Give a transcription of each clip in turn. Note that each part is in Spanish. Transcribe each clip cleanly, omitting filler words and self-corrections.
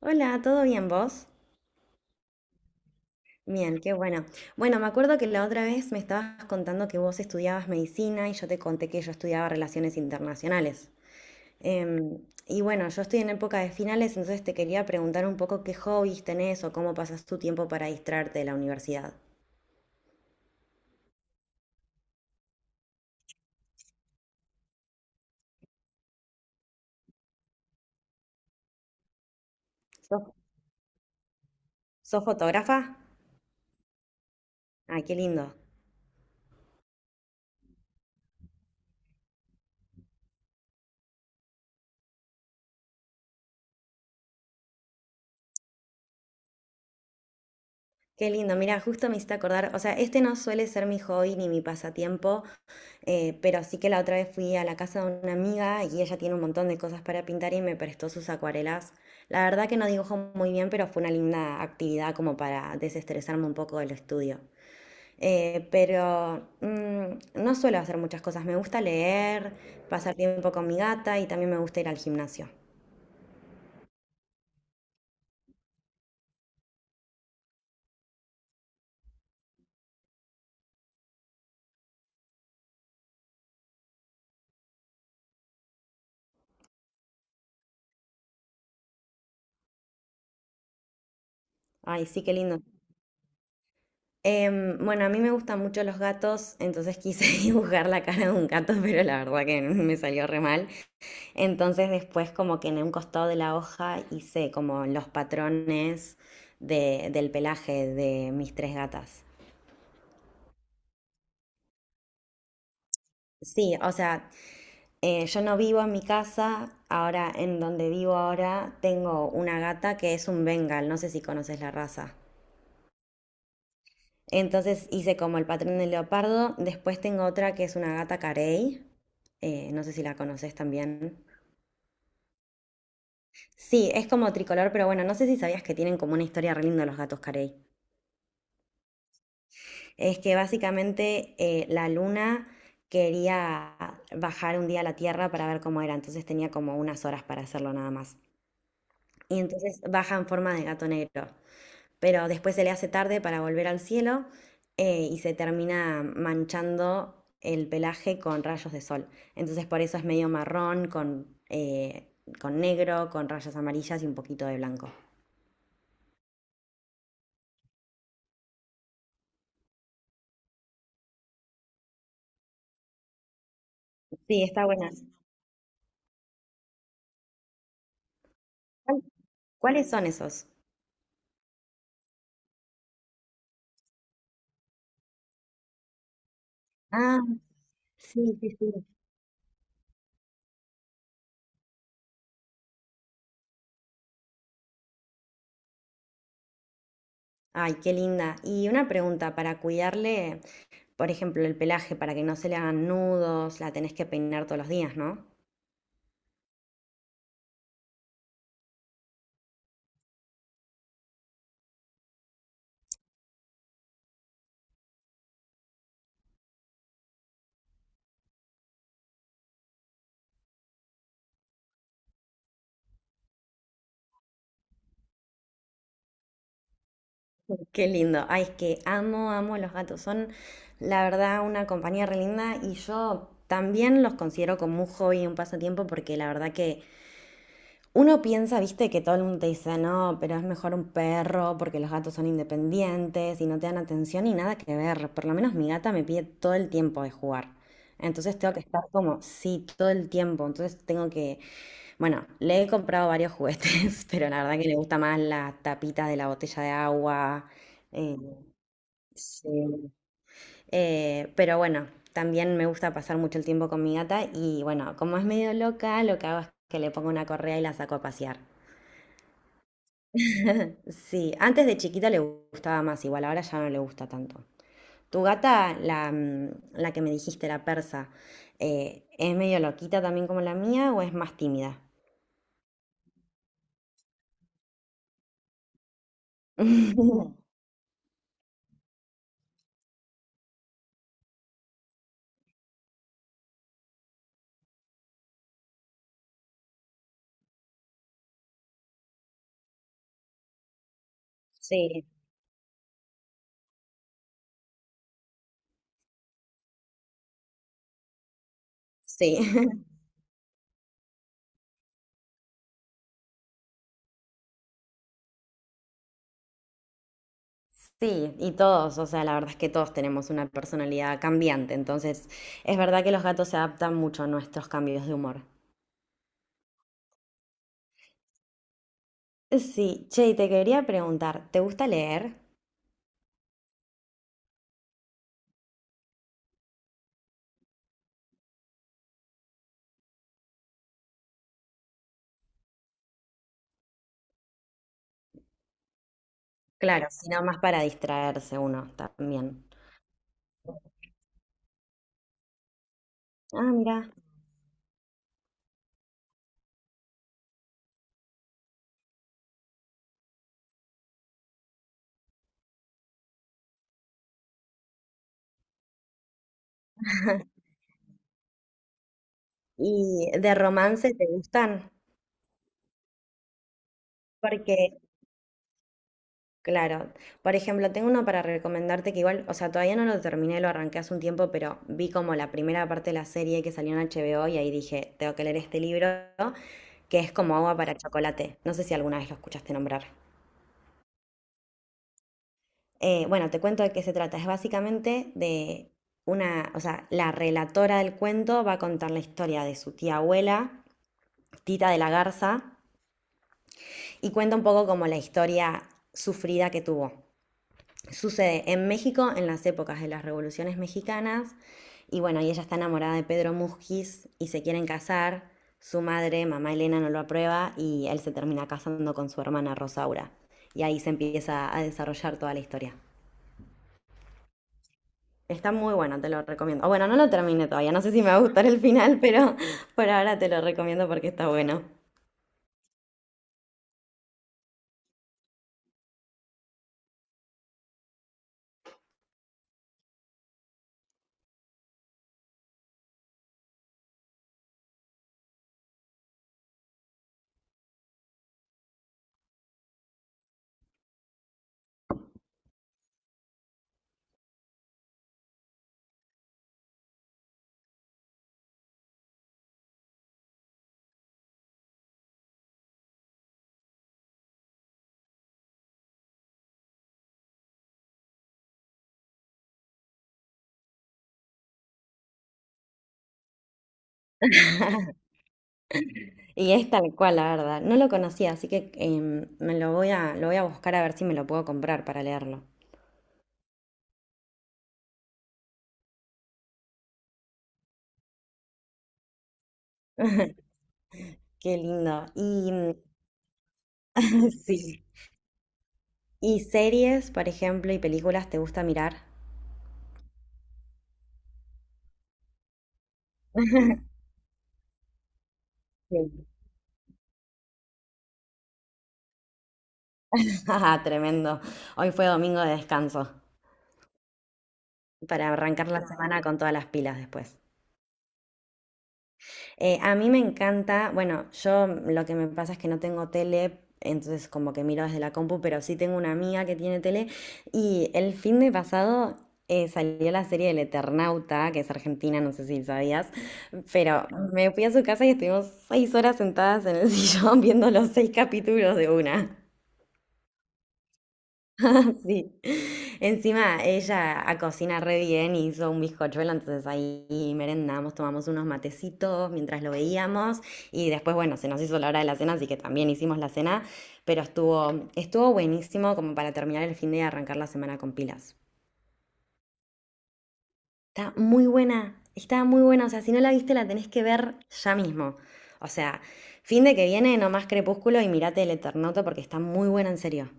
Hola, ¿todo bien vos? Bien, qué bueno. Bueno, me acuerdo que la otra vez me estabas contando que vos estudiabas medicina y yo te conté que yo estudiaba relaciones internacionales. Em, y bueno, yo estoy en época de finales, entonces te quería preguntar un poco qué hobbies tenés o cómo pasas tu tiempo para distraerte de la universidad. ¿Sos, sos fotógrafa? Ay, qué lindo. Qué lindo, mira, justo me hiciste acordar, o sea, este no suele ser mi hobby ni mi pasatiempo, pero sí que la otra vez fui a la casa de una amiga y ella tiene un montón de cosas para pintar y me prestó sus acuarelas. La verdad que no dibujo muy bien, pero fue una linda actividad como para desestresarme un poco del estudio. Pero no suelo hacer muchas cosas, me gusta leer, pasar tiempo con mi gata y también me gusta ir al gimnasio. Ay, sí, qué lindo. Bueno, a mí me gustan mucho los gatos, entonces quise dibujar la cara de un gato, pero la verdad que me salió re mal. Entonces después como que en un costado de la hoja hice como los patrones del pelaje de mis tres gatas. Sí, o sea, yo no vivo en mi casa, ahora en donde vivo ahora tengo una gata que es un Bengal, no sé si conoces la raza. Entonces hice como el patrón del leopardo, después tengo otra que es una gata carey. No sé si la conoces también. Sí, es como tricolor, pero bueno, no sé si sabías que tienen como una historia re linda los gatos carey. Es que básicamente la luna quería bajar un día a la Tierra para ver cómo era, entonces tenía como unas horas para hacerlo nada más. Y entonces baja en forma de gato negro, pero después se le hace tarde para volver al cielo, y se termina manchando el pelaje con rayos de sol. Entonces por eso es medio marrón, con negro, con rayas amarillas y un poquito de blanco. Sí, está buena. ¿Cuál- ¿Cuáles son esos? Ah, sí, sí, sí. Ay, qué linda. Y una pregunta, para cuidarle, por ejemplo, el pelaje, para que no se le hagan nudos, la tenés que peinar todos los días, ¿no? Qué lindo. Ay, es que amo, amo los gatos. Son, la verdad, una compañía re linda y yo también los considero como un hobby, un pasatiempo, porque la verdad que uno piensa, viste, que todo el mundo te dice, no, pero es mejor un perro porque los gatos son independientes y no te dan atención y nada que ver. Por lo menos mi gata me pide todo el tiempo de jugar. Entonces tengo que estar como, sí, todo el tiempo. Entonces tengo que, bueno, le he comprado varios juguetes, pero la verdad que le gusta más la tapita de la botella de agua. eh, Sí. Pero bueno, también me gusta pasar mucho el tiempo con mi gata y bueno, como es medio loca, lo que hago es que le pongo una correa y la saco a pasear. Sí, antes de chiquita le gustaba más, igual ahora ya no le gusta tanto. Tu gata, la que me dijiste, la persa, ¿es medio loquita también como la mía o es más tímida? Sí, sí. Sí, y todos, o sea, la verdad es que todos tenemos una personalidad cambiante, entonces es verdad que los gatos se adaptan mucho a nuestros cambios de humor. Sí, che, y te quería preguntar, ¿te gusta leer? Claro, si no, más para distraerse uno también. Ah, mira. ¿Y de romance te gustan? Porque Claro. Por ejemplo, tengo uno para recomendarte que igual, o sea, todavía no lo terminé, lo arranqué hace un tiempo, pero vi como la primera parte de la serie que salió en HBO y ahí dije, tengo que leer este libro, que es como agua para chocolate. No sé si alguna vez lo escuchaste nombrar. Bueno, te cuento de qué se trata. Es básicamente de una, o sea, la relatora del cuento va a contar la historia de su tía abuela, Tita de la Garza, y cuenta un poco como la historia sufrida que tuvo. Sucede en México en las épocas de las revoluciones mexicanas y bueno, y ella está enamorada de Pedro Musquiz y se quieren casar. Su madre, mamá Elena, no lo aprueba y él se termina casando con su hermana Rosaura. Y ahí se empieza a desarrollar toda la historia. Está muy bueno, te lo recomiendo. O bueno, no lo terminé todavía, no sé si me va a gustar el final, pero por ahora te lo recomiendo porque está bueno. Y es tal cual, la verdad. No lo conocía, así que me lo voy a buscar a ver si me lo puedo comprar para leerlo. Qué lindo. Y sí. ¿Y series, por ejemplo, y películas te gusta mirar? Sí. Ah, tremendo. Hoy fue domingo de descanso para arrancar la semana con todas las pilas después. A mí me encanta, bueno, yo lo que me pasa es que no tengo tele, entonces como que miro desde la compu, pero sí tengo una amiga que tiene tele y el fin de pasado salió la serie del Eternauta, que es argentina, no sé si sabías, pero me fui a su casa y estuvimos 6 horas sentadas en el sillón viendo los seis capítulos de una. Sí. Encima ella a cocina re bien, hizo un bizcochuelo, entonces ahí merendamos, tomamos unos matecitos mientras lo veíamos y después, bueno, se nos hizo la hora de la cena, así que también hicimos la cena, pero estuvo, estuvo buenísimo como para terminar el fin de y arrancar la semana con pilas. Está muy buena, o sea, si no la viste la tenés que ver ya mismo. O sea, fin de que viene, nomás Crepúsculo y mirate El Eternauta porque está muy buena en serio.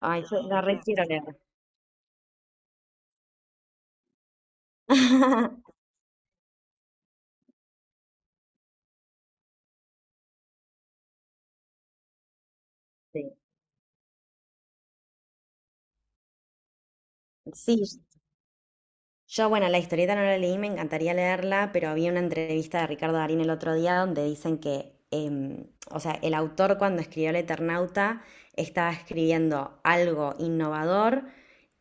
Ay, yo la re quiero leer. Sí. Sí, yo, bueno, la historieta no la leí, me encantaría leerla, pero había una entrevista de Ricardo Darín el otro día donde dicen que, o sea, el autor cuando escribió El Eternauta estaba escribiendo algo innovador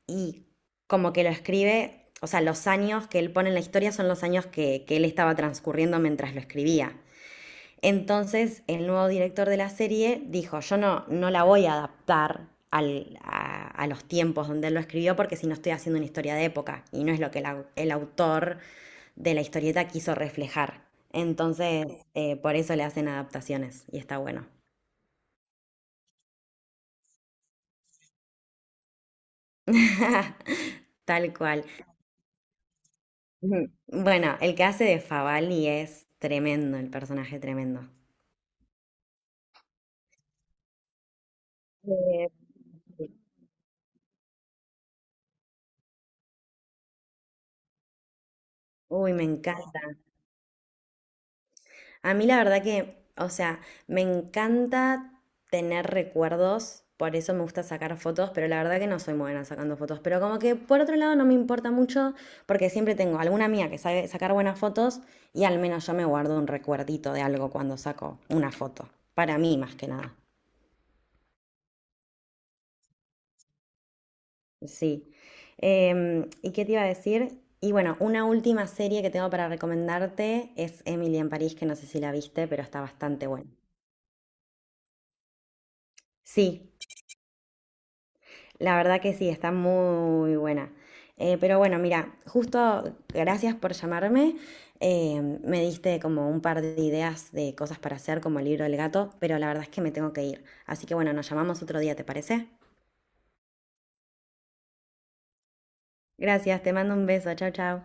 y como que lo escribe, o sea, los años que él pone en la historia son los años que él estaba transcurriendo mientras lo escribía. Entonces, el nuevo director de la serie dijo, yo no, no la voy a adaptar a los tiempos donde él lo escribió porque si no estoy haciendo una historia de época y no es lo que el autor de la historieta quiso reflejar. Entonces, por eso le hacen adaptaciones y está bueno. Tal cual. Ujú. Bueno, el que hace de Favali es tremendo, el personaje tremendo. Eh, Uy, me encanta. A mí la verdad que, o sea, me encanta tener recuerdos, por eso me gusta sacar fotos, pero la verdad que no soy muy buena sacando fotos. Pero como que por otro lado no me importa mucho, porque siempre tengo alguna amiga que sabe sacar buenas fotos y al menos yo me guardo un recuerdito de algo cuando saco una foto. Para mí más que nada. Sí. ¿Y qué te iba a decir? Y bueno, una última serie que tengo para recomendarte es Emily en París, que no sé si la viste, pero está bastante buena. Sí, la verdad que sí, está muy buena. Pero bueno, mira, justo gracias por llamarme. Me diste como un par de ideas de cosas para hacer, como el libro del gato, pero la verdad es que me tengo que ir. Así que bueno, nos llamamos otro día, ¿te parece? Gracias, te mando un beso. Chao, chao.